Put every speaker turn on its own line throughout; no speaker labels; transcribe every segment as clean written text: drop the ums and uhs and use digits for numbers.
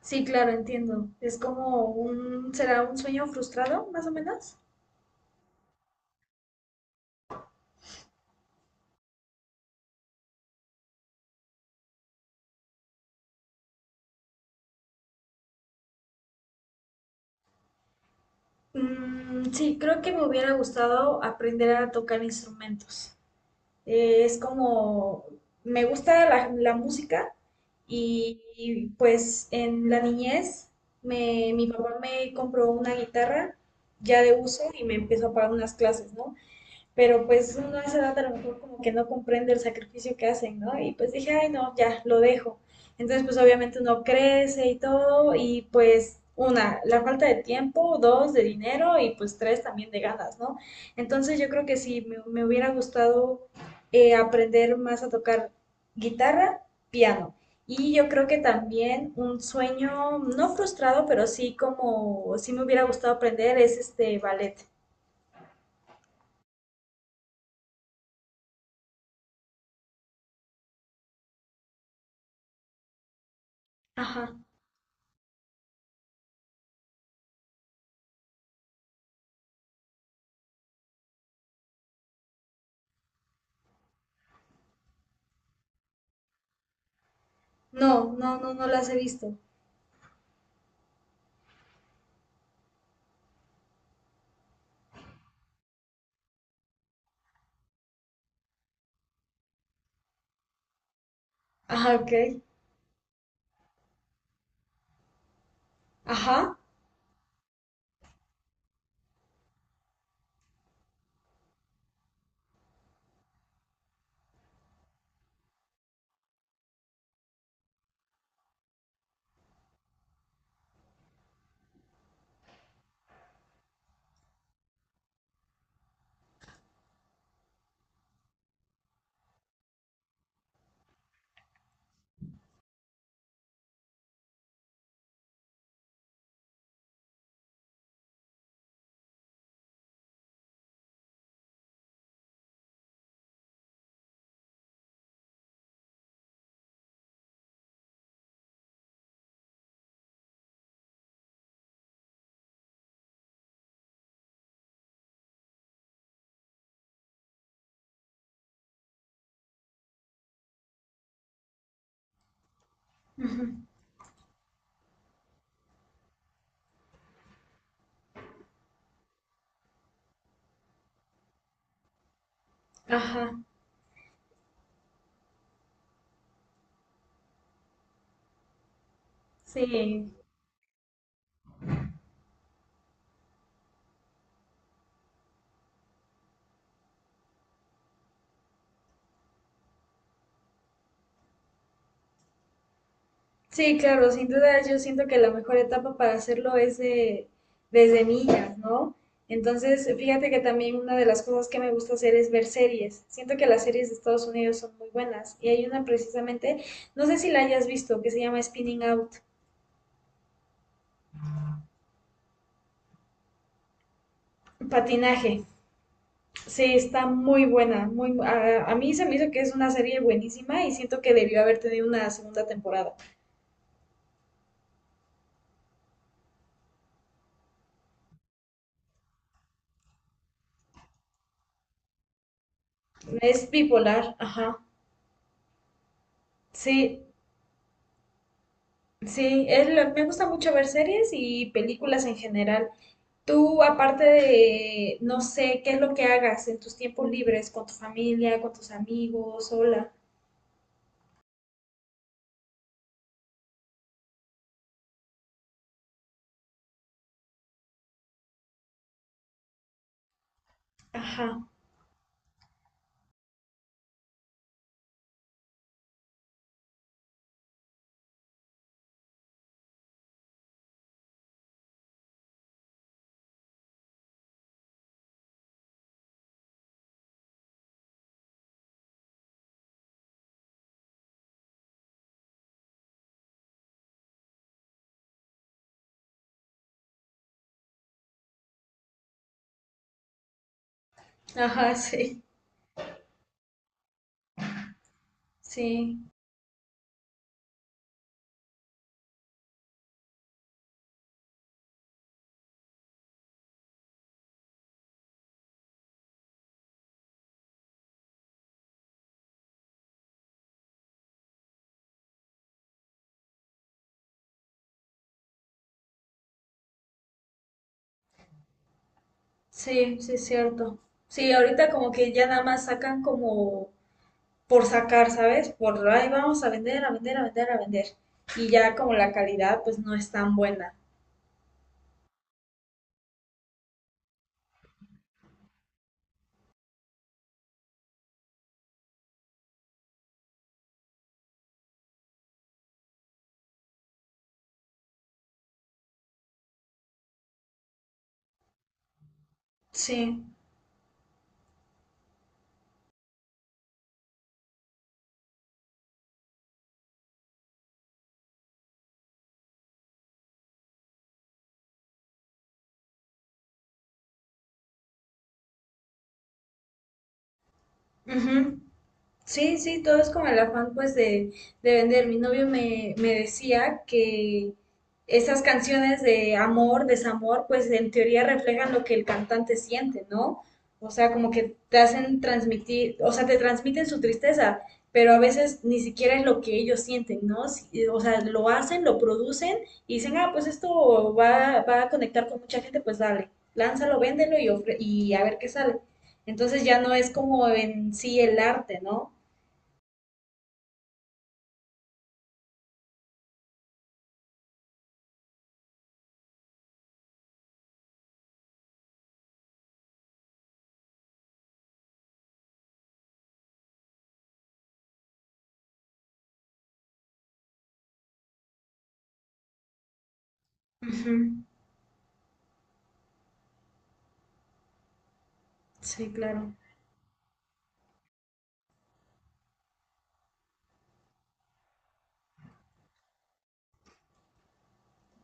Sí, claro, entiendo. Es como un, ¿será un sueño frustrado, más o menos? Sí, creo que me hubiera gustado aprender a tocar instrumentos. Es como, me gusta la música pues en la niñez mi papá me compró una guitarra ya de uso y me empezó a pagar unas clases, ¿no? Pero pues uno a esa edad a lo mejor como que no comprende el sacrificio que hacen, ¿no? Y pues dije, ay, no, ya, lo dejo. Entonces, pues obviamente uno crece y todo, y pues una, la falta de tiempo, dos, de dinero y pues tres, también de ganas, ¿no? Entonces yo creo que sí, me hubiera gustado aprender más a tocar guitarra, piano. Y yo creo que también un sueño, no frustrado, pero sí como, sí me hubiera gustado aprender es este ballet. Ajá. No, no, no, no las he visto. Ajá, ok. Ajá, ujú, ajá. Sí. Sí, claro, sin duda yo siento que la mejor etapa para hacerlo es de, desde niñas, ¿no? Entonces, fíjate que también una de las cosas que me gusta hacer es ver series. Siento que las series de Estados Unidos son muy buenas y hay una precisamente, no sé si la hayas visto, que se llama Spinning Out, patinaje. Sí, está muy buena, a mí se me hizo que es una serie buenísima y siento que debió haber tenido una segunda temporada. Es bipolar, ajá. Sí, sí, es me gusta mucho ver series y películas en general. Tú, aparte de, no sé, ¿qué es lo que hagas en tus tiempos libres con tu familia, con tus amigos, sola? Ajá, ajá, sí, sí, sí, sí, es cierto. Sí, ahorita como que ya nada más sacan como por sacar, ¿sabes? Por ahí vamos a vender, a vender, a vender, a vender. Y ya como la calidad pues no es tan buena. Sí. Sí, sí, todo es como el afán pues de vender. Mi novio me decía que esas canciones de amor, desamor, pues en teoría reflejan lo que el cantante siente, ¿no? O sea, como que te hacen transmitir, o sea, te transmiten su tristeza, pero a veces ni siquiera es lo que ellos sienten, ¿no? Si- o sea, lo hacen, lo producen y dicen, ah, pues esto va a conectar con mucha gente, pues dale, lánzalo, véndelo y, ofre- y a ver qué sale. Entonces ya no es como en sí el arte, ¿no? Ujú, sí, claro.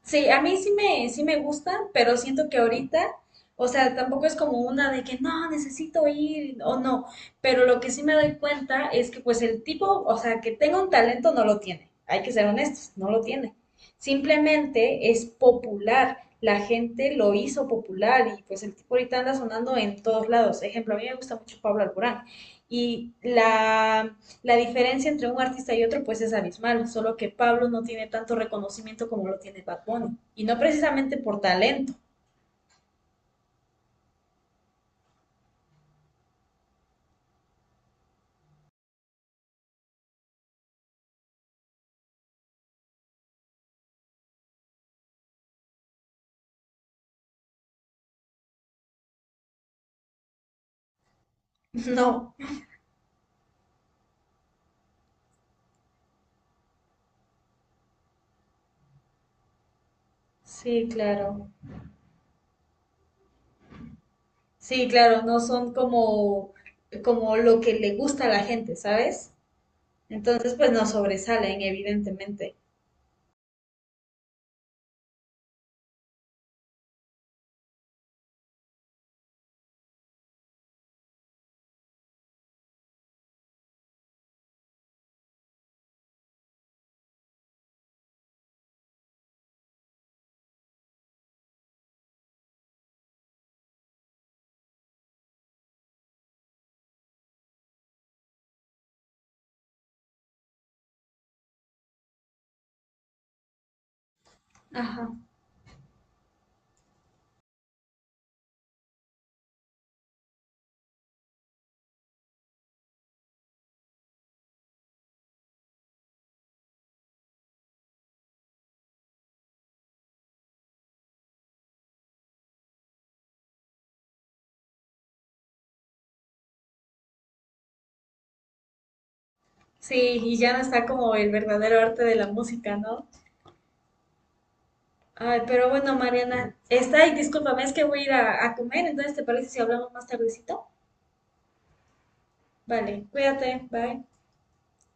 Sí, a sí me gustan, pero siento que ahorita, o sea, tampoco es como una de que no, necesito ir o no, pero lo que sí me doy cuenta es que pues el tipo, o sea, que tenga un talento no lo tiene, hay que ser honestos, no lo tiene. Simplemente es popular, la gente lo hizo popular y pues el tipo ahorita anda sonando en todos lados. Ejemplo, a mí me gusta mucho Pablo Alborán y la diferencia entre un artista y otro pues es abismal, solo que Pablo no tiene tanto reconocimiento como lo tiene Bad Bunny, y no precisamente por talento. No. Sí, claro. Sí, claro, no son como como lo que le gusta a la gente, ¿sabes? Entonces pues no sobresalen evidentemente. Ajá. Sí, y ya no está como el verdadero arte de la música, ¿no? Ay, pero bueno, Mariana, está y discúlpame, es que voy a ir a comer, entonces ¿te parece si hablamos más tardecito? Vale, cuídate, bye.